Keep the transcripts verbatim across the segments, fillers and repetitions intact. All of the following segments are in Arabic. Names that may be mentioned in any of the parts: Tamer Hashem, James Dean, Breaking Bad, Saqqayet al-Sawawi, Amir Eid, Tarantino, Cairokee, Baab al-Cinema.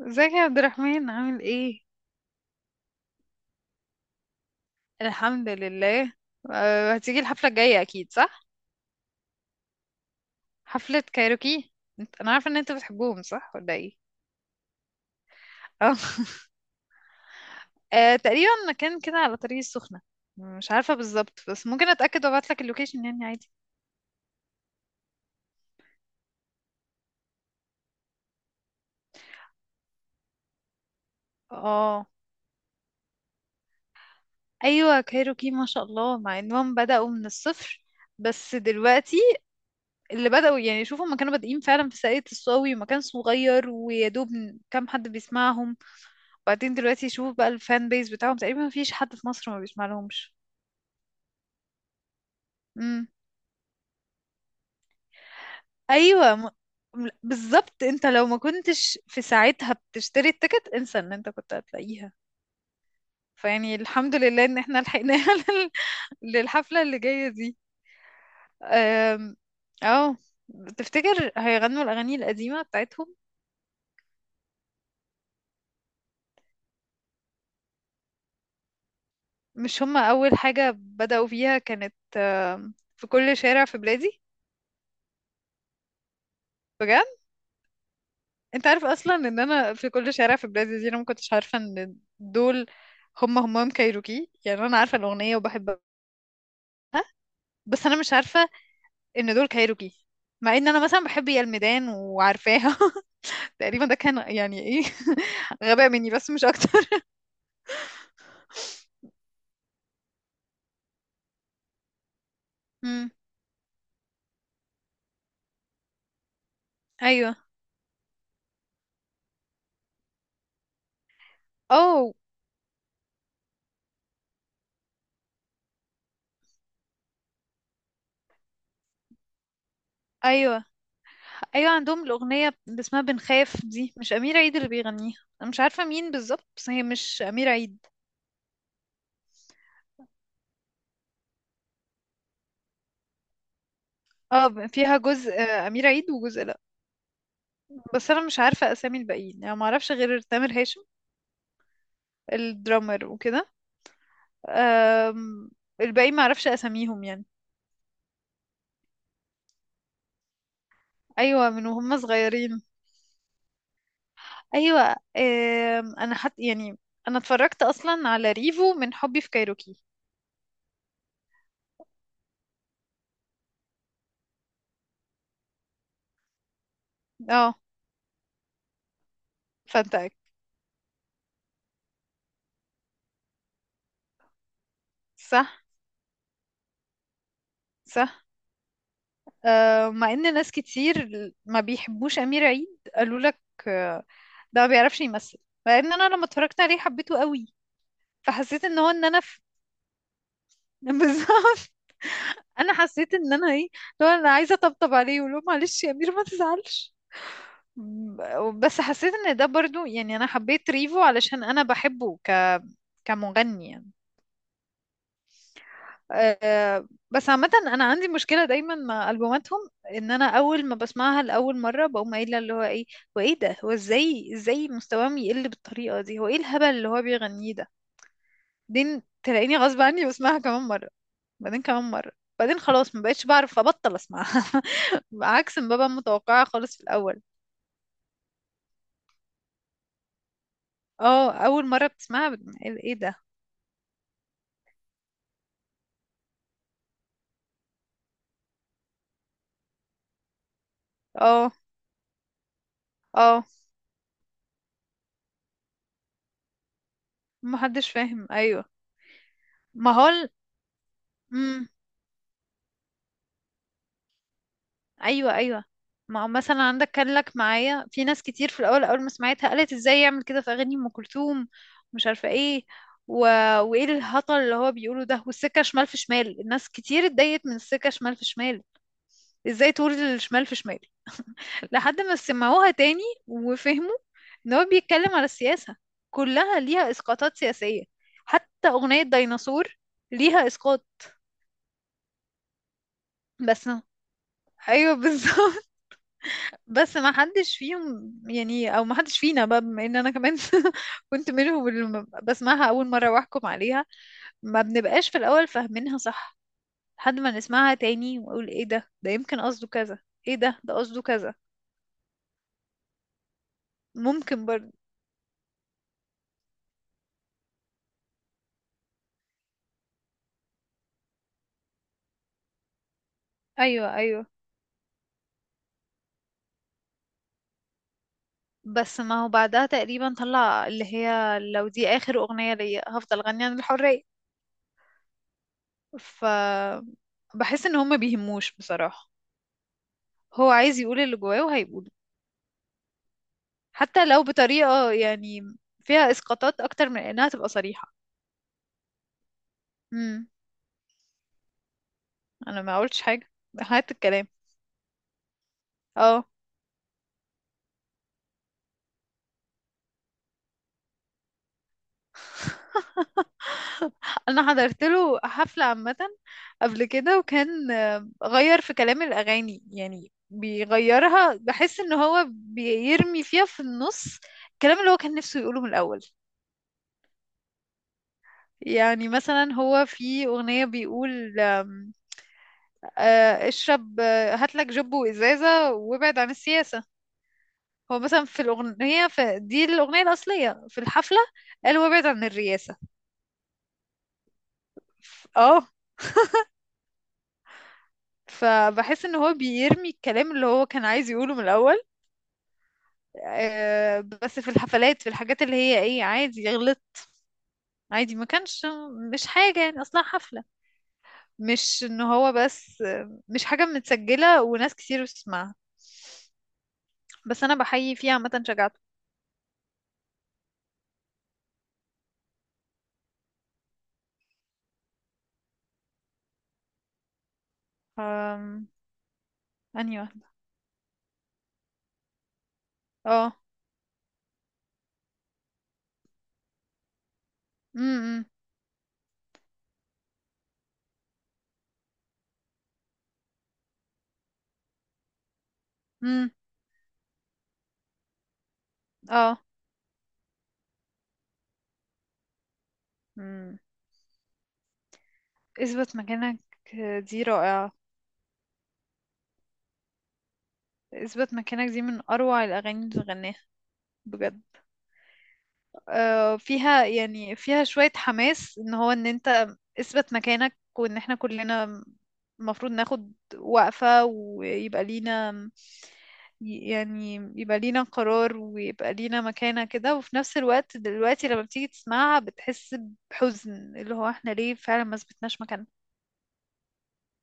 ازيك يا عبد الرحمن، عامل ايه؟ الحمد لله. أه، هتيجي الحفله الجايه اكيد صح؟ حفله كايروكي. انت- انا عارفه ان انت بتحبهم، صح ولا ايه؟ اه. آه، تقريبا مكان كده على طريق السخنه. مش عارفه بالظبط، بس ممكن اتاكد وابعت لك اللوكيشن يعني عادي. اه، ايوه كايروكي ما شاء الله، مع انهم بداوا من الصفر. بس دلوقتي اللي بداوا، يعني شوفوا ما كانوا بادئين فعلا في ساقية الصاوي ومكان صغير ويا دوب كام حد بيسمعهم. بعدين دلوقتي شوف بقى الفان بيز بتاعهم، تقريبا مفيش حد في مصر ما بيسمع لهمش. امم، ايوه. م... م- بالظبط، انت لو ما كنتش في ساعتها بتشتري التيكت، انسى ان انت كنت هتلاقيها. فيعني الحمد لله ان احنا لحقناها لل- للحفلة اللي جاية دي. أم، اه. تفتكر هيغنوا الاغاني القديمة بتاعتهم؟ مش هما اول حاجة بدأوا فيها كانت أم، في كل شارع في بلادي؟ بجد؟ انت عارف اصلا ان انا في كل شارع في بلاد الجزيره ما كنتش عارفه ان دول هم همام كايروكي، يعني انا عارفه الاغنيه وبحبها، بس انا مش عارفه ان دول كايروكي، مع ان انا مثلا بحب يا الميدان وعارفاها. تقريبا ده كان يعني ايه؟ غباء مني بس مش اكتر. امم، ايوه. اوه، ايوه، ايوه. عندهم الاغنيه اللي اسمها بنخاف دي مش امير عيد اللي بيغنيها. انا مش عارفه مين بالظبط، بس هي مش امير عيد. اه، فيها جزء آه، امير عيد وجزء لا. بس انا مش عارفه اسامي الباقيين، يعني ما اعرفش غير تامر هاشم الدرامر وكده. أم، الباقي ما اعرفش اساميهم يعني. ايوه، من وهم صغيرين. ايوه، أم، انا حت يعني انا اتفرجت اصلا على ريفو من حبي في كايروكي. اه، فانتاك. صح. صح. أم، مع ان ناس كتير ما بيحبوش امير عيد، قالوا لك أه، ده ما بيعرفش يمثل، مع ان انا لما اتفرجت عليه حبيته قوي. فحسيت ان هو ان انا في بالظبط. انا حسيت ان انا ايه، لو انا عايزه اطبطب عليه، ولو معلش يا امير ما تزعلش. ب- بس حسيت ان ده برضو، يعني انا حبيت ريفو علشان انا بحبه ك كمغني يعني. أه، بس عامة أنا عندي مشكلة دايما مع ألبوماتهم، إن أنا أول ما بسمعها لأول مرة بقوم قايلة اللي هو إيه. هو إيه ده؟ هو إزاي إزاي مستواهم يقل بالطريقة دي؟ هو إيه الهبل اللي هو بيغنيه ده؟ بعدين تلاقيني غصب عني بسمعها كمان مرة، بعدين كمان مرة، بعدين خلاص ما بقتش بعرف ابطل اسمعها. عكس ما ببقى متوقعة خالص في الاول. اه، اول مرة بتسمعها بت... ايه ده. اه، اه. محدش فاهم، ايوه. ما هو ال- امم، ايوه، ايوه. ما هو مثلا عندك كان لك معايا في ناس كتير، في الاول اول ما سمعتها قالت ازاي يعمل كده في اغاني ام كلثوم مش عارفة ايه، و... وايه الهطل اللي هو بيقوله ده، والسكة شمال في شمال، الناس كتير اتضايقت من السكة شمال في شمال، ازاي تقول الشمال في شمال؟ لحد ما سمعوها تاني وفهموا ان هو بيتكلم على السياسة، كلها ليها اسقاطات سياسية. حتى اغنية ديناصور ليها اسقاط. بس، ايوه بالظبط. بس ما حدش فيهم يعني، او ما حدش فينا بقى، بما ان انا كمان كنت منهم اللي م- بسمعها اول مرة واحكم عليها. ما بنبقاش في الاول فاهمينها صح، لحد ما نسمعها تاني ونقول ايه ده، ده يمكن قصده كذا، ايه ده، ده قصده كذا. ممكن برضه. ايوه، ايوه. بس ما هو بعدها تقريبا طلع اللي هي لو دي اخر اغنية ليا هفضل غني عن الحرية. ف بحس ان هما بيهموش بصراحة، هو عايز يقول اللي جواه وهيقوله، حتى لو بطريقة يعني فيها اسقاطات اكتر من انها تبقى صريحة. امم. انا ما قلتش حاجة. هات الكلام. اه. انا حضرت له حفلة عامة قبل كده، وكان آه، غير في كلام الاغاني يعني بيغيرها. بحس ان هو بيرمي فيها في النص الكلام اللي هو كان نفسه يقوله من الاول. يعني مثلا هو في اغنية بيقول آم، آه، اشرب، آه، هاتلك جب وازازة وابعد عن السياسة. هو مثلا في الاغنية، في دي الاغنية الاصلية في الحفلة، قال وابعد عن الرياسة. ف- اه، فبحس ان هو بيرمي الكلام اللي هو كان عايز يقوله من الاول. آه، بس في الحفلات، في الحاجات اللي هي ايه، عادي غلط عادي ما كانش مش حاجة، يعني اصلا حفلة، مش ان هو بس آه، مش حاجة متسجلة وناس كتير بتسمعها. بس انا بحيي فيها عامة شجاعته. أم... انهي واحدة. اه. امم. امم. اه. امم. اثبت مكانك دي رائعة. اثبت مكانك دي من اروع الاغاني اللي غناها بجد. آه، فيها يعني فيها شوية حماس، ان هو ان انت اثبت مكانك، وان احنا كلنا المفروض ناخد وقفة، ويبقى لينا يعني يبقى لينا قرار، ويبقى لينا مكانة كده. وفي نفس الوقت دلوقتي لما بتيجي تسمعها بتحس بحزن اللي هو احنا ليه فعلا ما اثبتناش مكاننا،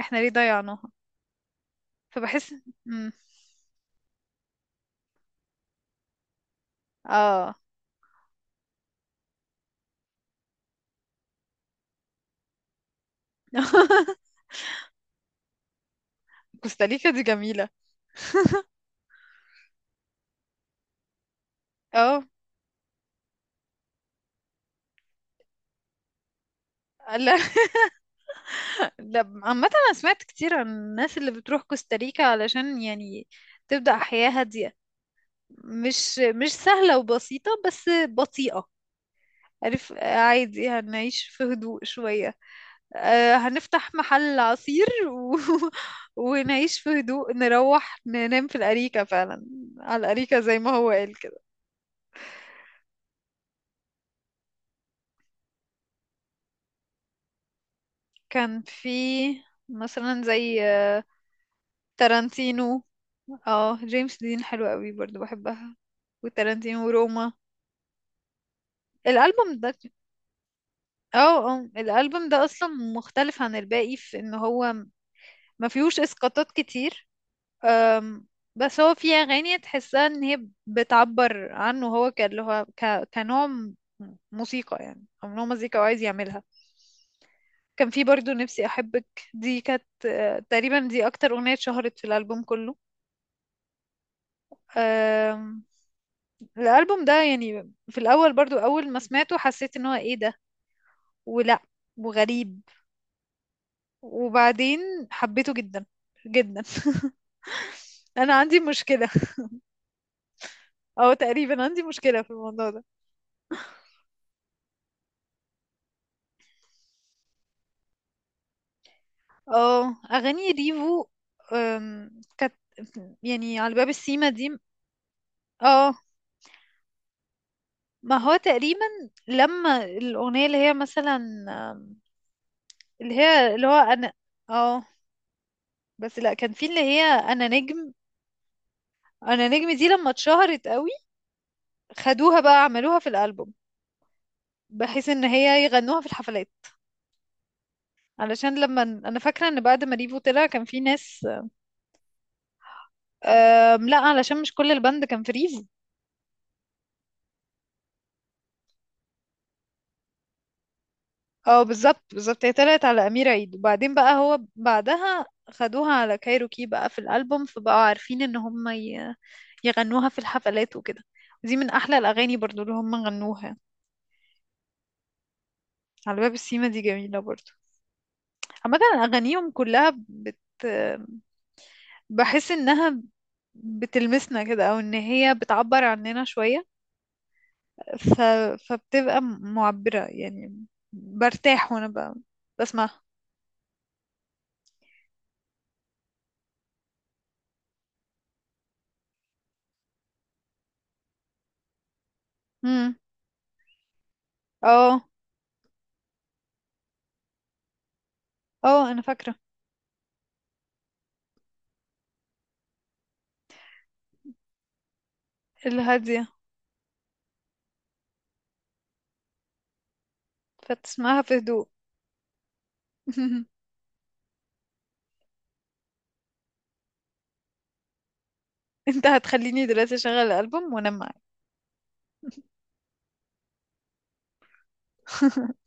احنا ليه ضيعناها. فبحس. مم. اه. كوستاريكا دي جميلة. اه، لا، لا، عامة أنا سمعت كتير عن الناس اللي بتروح كوستاريكا علشان يعني تبدأ حياة هادية، مش مش سهلة وبسيطة بس بطيئة. عارف، آه، عادي هنعيش في هدوء شوية. آه، هنفتح محل عصير و... ونعيش في هدوء، نروح ننام في الأريكة فعلا، على الأريكة زي ما هو قال كده. كان في مثلا زي آه، تارانتينو. اه، جيمس دين حلوة قوي برضو بحبها، وتارانتينو وروما. الالبوم ده اه، اه. الالبوم ده اصلا مختلف عن الباقي في ان هو ما فيهوش اسقاطات كتير. أم، بس هو فيه اغاني تحسها ان هي بتعبر عنه هو ك- اللي هو ك... كنوع م- موسيقى يعني، او نوع مزيكا هو عايز يعملها. كان في برضو نفسي احبك، دي كانت آه، تقريبا دي اكتر اغنية اتشهرت في الالبوم كله. آم، الالبوم ده يعني في الاول برضو اول ما سمعته حسيت ان هو ايه ده، ولا، وغريب، وبعدين حبيته جدا جدا. انا عندي مشكله، او تقريبا عندي مشكله في الموضوع ده. اه، اغاني ريفو أم، كانت يعني على باب السيما دي. اه، ما هو تقريبا لما الاغنيه اللي هي مثلا، أم، اللي هي اللي هو انا. اه، بس لا كان في اللي هي انا نجم. انا نجم دي لما اتشهرت قوي خدوها بقى عملوها في الالبوم، بحيث ان هي يغنوها في الحفلات، علشان لما انا فاكره ان بعد ما ريفو طلع كان في ناس. أم لا، علشان مش كل البند كان في ريفو. اه، بالظبط بالظبط. هي طلعت على أمير عيد، وبعدين بقى هو بعدها خدوها على كايروكي بقى في الألبوم، فبقوا عارفين ان هم ي- يغنوها في الحفلات وكده. دي من احلى الاغاني برضو اللي هم غنوها. على باب السيما دي جميلة برضو. عامة اغانيهم كلها بت... بحس انها بتلمسنا كده، او ان هي بتعبر عننا شوية. ف... فبتبقى م- معبرة يعني. برتاح وانا ب... بسمعها. اه. اه. انا فاكرة. الهادية فتسمعها في هدوء. انت هتخليني دلوقتي اشغل الالبوم وانام معاك.